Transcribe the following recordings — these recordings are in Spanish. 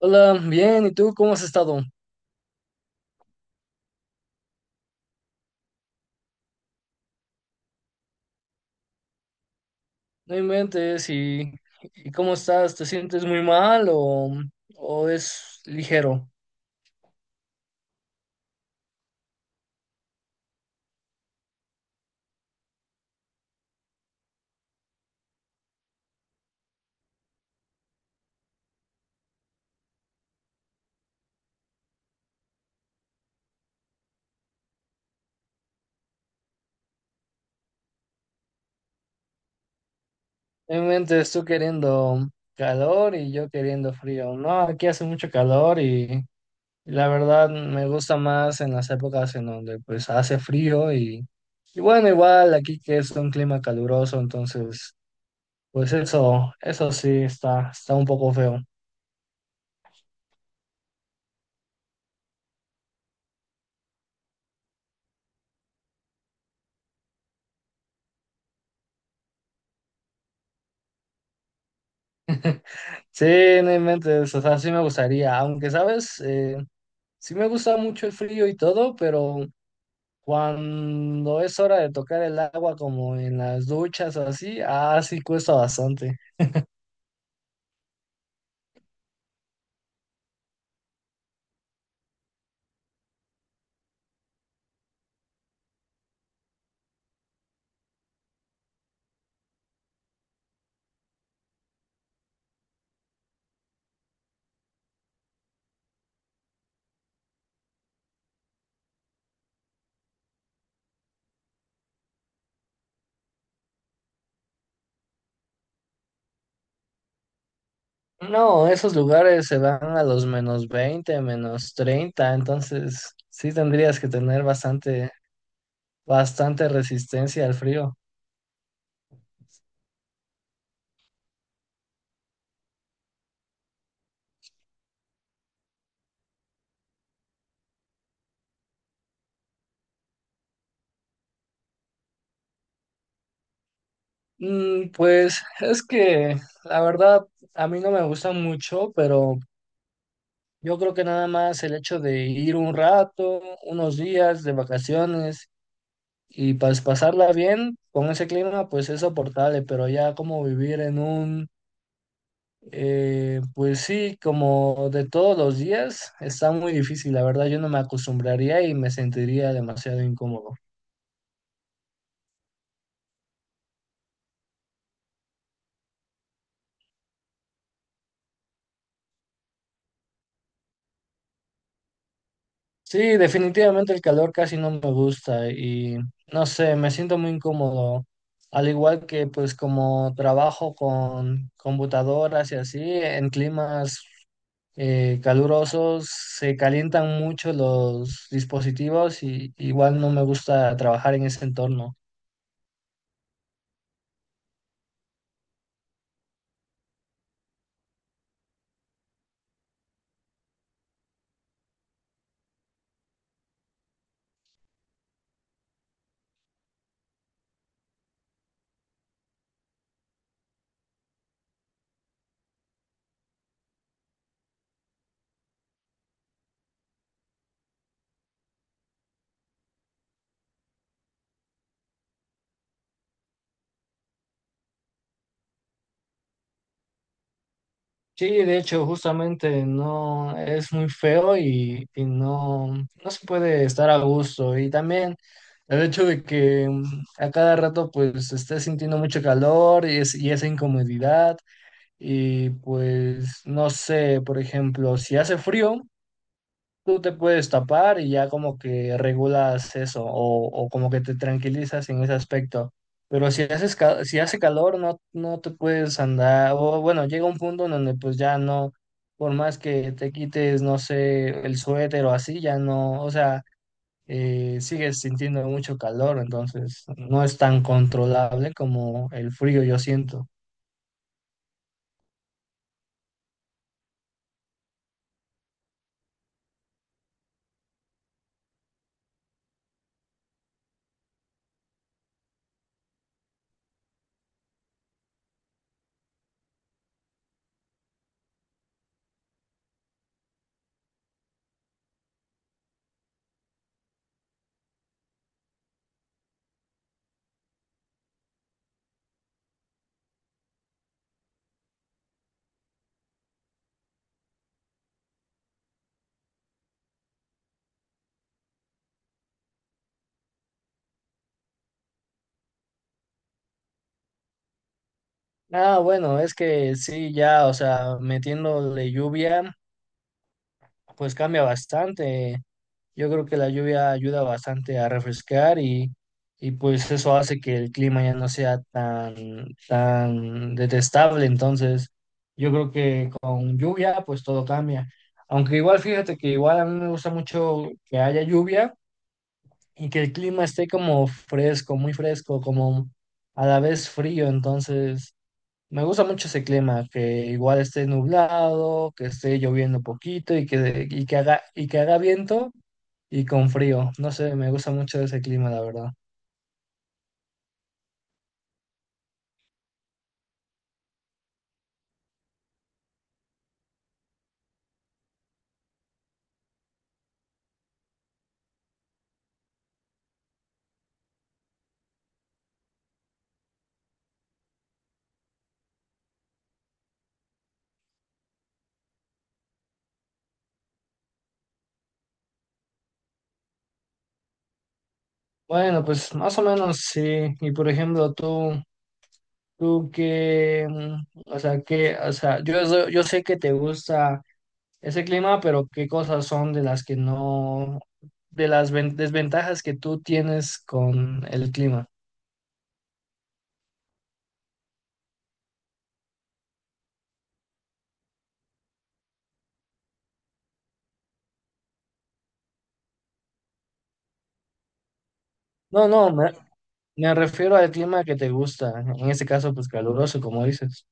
Hola, bien, ¿y tú cómo has estado? No inventes, ¿y cómo estás? ¿Te sientes muy mal o es ligero? No inventes, tú queriendo calor y yo queriendo frío. No, aquí hace mucho calor y la verdad me gusta más en las épocas en donde pues hace frío y bueno, igual aquí que es un clima caluroso, entonces pues eso sí está, está un poco feo. Sí, no inventes, o sea, sí me gustaría, aunque sabes, sí me gusta mucho el frío y todo, pero cuando es hora de tocar el agua como en las duchas o así, ah, sí cuesta bastante. No, esos lugares se van a los -20 -30, entonces sí tendrías que tener bastante resistencia al frío. Mm, pues es que la verdad a mí no me gusta mucho, pero yo creo que nada más el hecho de ir un rato, unos días de vacaciones. Y pues pasarla bien con ese clima, pues es soportable, pero ya como vivir en pues sí, como de todos los días, está muy difícil. La verdad, yo no me acostumbraría y me sentiría demasiado incómodo. Sí, definitivamente el calor casi no me gusta y no sé, me siento muy incómodo. Al igual que pues como trabajo con computadoras y así, en climas calurosos, se calientan mucho los dispositivos y igual no me gusta trabajar en ese entorno. Sí, de hecho, justamente no es muy feo y no se puede estar a gusto. Y también el hecho de que a cada rato pues estés sintiendo mucho calor y esa incomodidad. Y pues no sé, por ejemplo, si hace frío, tú te puedes tapar y ya como que regulas eso o como que te tranquilizas en ese aspecto. Pero si hace calor, no te puedes andar, o bueno, llega un punto en donde pues ya no, por más que te quites, no sé, el suéter o así, ya no, o sea, sigues sintiendo mucho calor, entonces no es tan controlable como el frío, yo siento. Ah, bueno, es que sí, ya, o sea, metiéndole lluvia, pues cambia bastante. Yo creo que la lluvia ayuda bastante a refrescar y pues eso hace que el clima ya no sea tan detestable. Entonces, yo creo que con lluvia pues todo cambia. Aunque igual fíjate que igual a mí me gusta mucho que haya lluvia y que el clima esté como fresco, muy fresco, como a la vez frío. Entonces, me gusta mucho ese clima, que igual esté nublado, que esté lloviendo poquito y que haga viento y con frío. No sé, me gusta mucho ese clima, la verdad. Bueno, pues más o menos sí. Y por ejemplo, tú que, o sea, o sea, yo, yo sé que te gusta ese clima, pero ¿qué cosas son de las que no, desventajas que tú tienes con el clima? No, me refiero al clima que te gusta, en este caso, pues caluroso, como dices.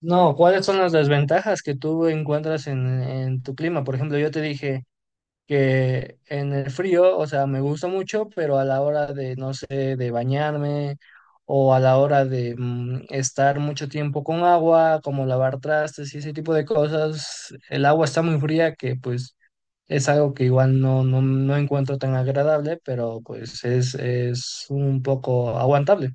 No, ¿cuáles son las desventajas que tú encuentras en tu clima? Por ejemplo, yo te dije que en el frío, o sea, me gusta mucho, pero a la hora de, no sé, de bañarme o a la hora de estar mucho tiempo con agua, como lavar trastes y ese tipo de cosas, el agua está muy fría que pues es algo que igual no encuentro tan agradable, pero pues es un poco aguantable.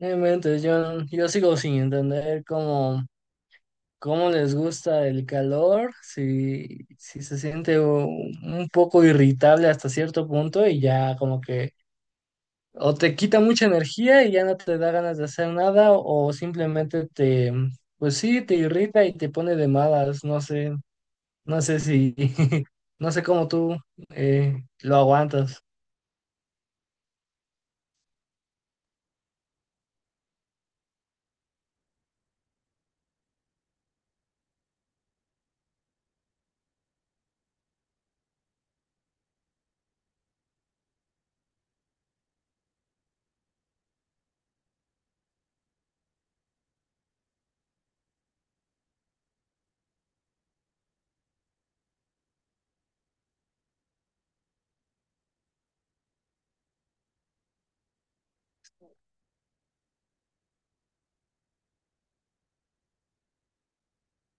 Bueno, entonces yo sigo sin entender cómo... cómo les gusta el calor, si se siente un poco irritable hasta cierto punto y ya como que o te quita mucha energía y ya no te da ganas de hacer nada o simplemente te, pues sí, te irrita y te pone de malas, no sé, no sé si, no sé cómo tú lo aguantas.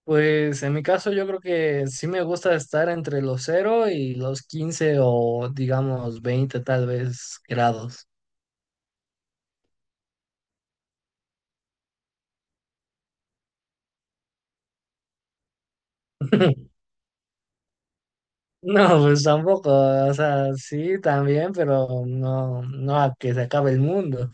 Pues en mi caso yo creo que sí me gusta estar entre los cero y los 15 o digamos 20 tal vez grados. No, pues tampoco, o sea, sí, también, pero no a que se acabe el mundo.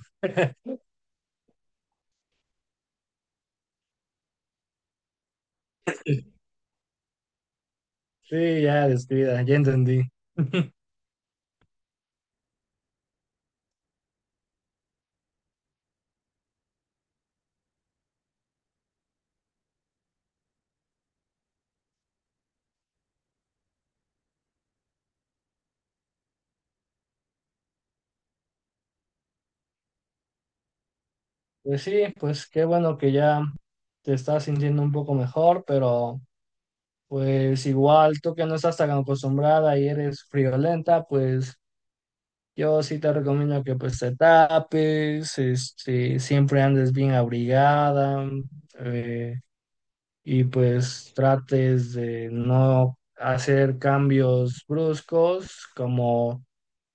Sí, ya descuida, ya entendí. Pues sí, pues qué bueno que ya te estás sintiendo un poco mejor, pero pues igual tú que no estás tan acostumbrada y eres friolenta, pues yo sí te recomiendo que pues te tapes, este, siempre andes bien abrigada, eh, y pues trates de no hacer cambios bruscos, como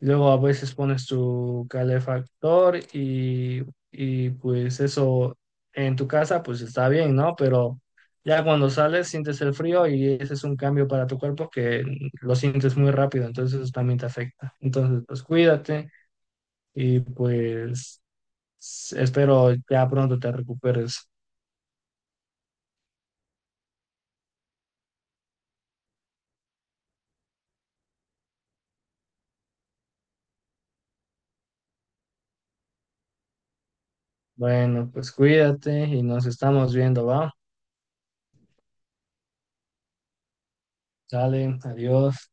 luego a veces pones tu calefactor y pues eso en tu casa pues está bien, ¿no? Pero ya cuando sales sientes el frío y ese es un cambio para tu cuerpo que lo sientes muy rápido, entonces eso también te afecta. Entonces pues cuídate y pues espero ya pronto te recuperes. Bueno, pues cuídate y nos estamos viendo, ¿va? Sale, adiós.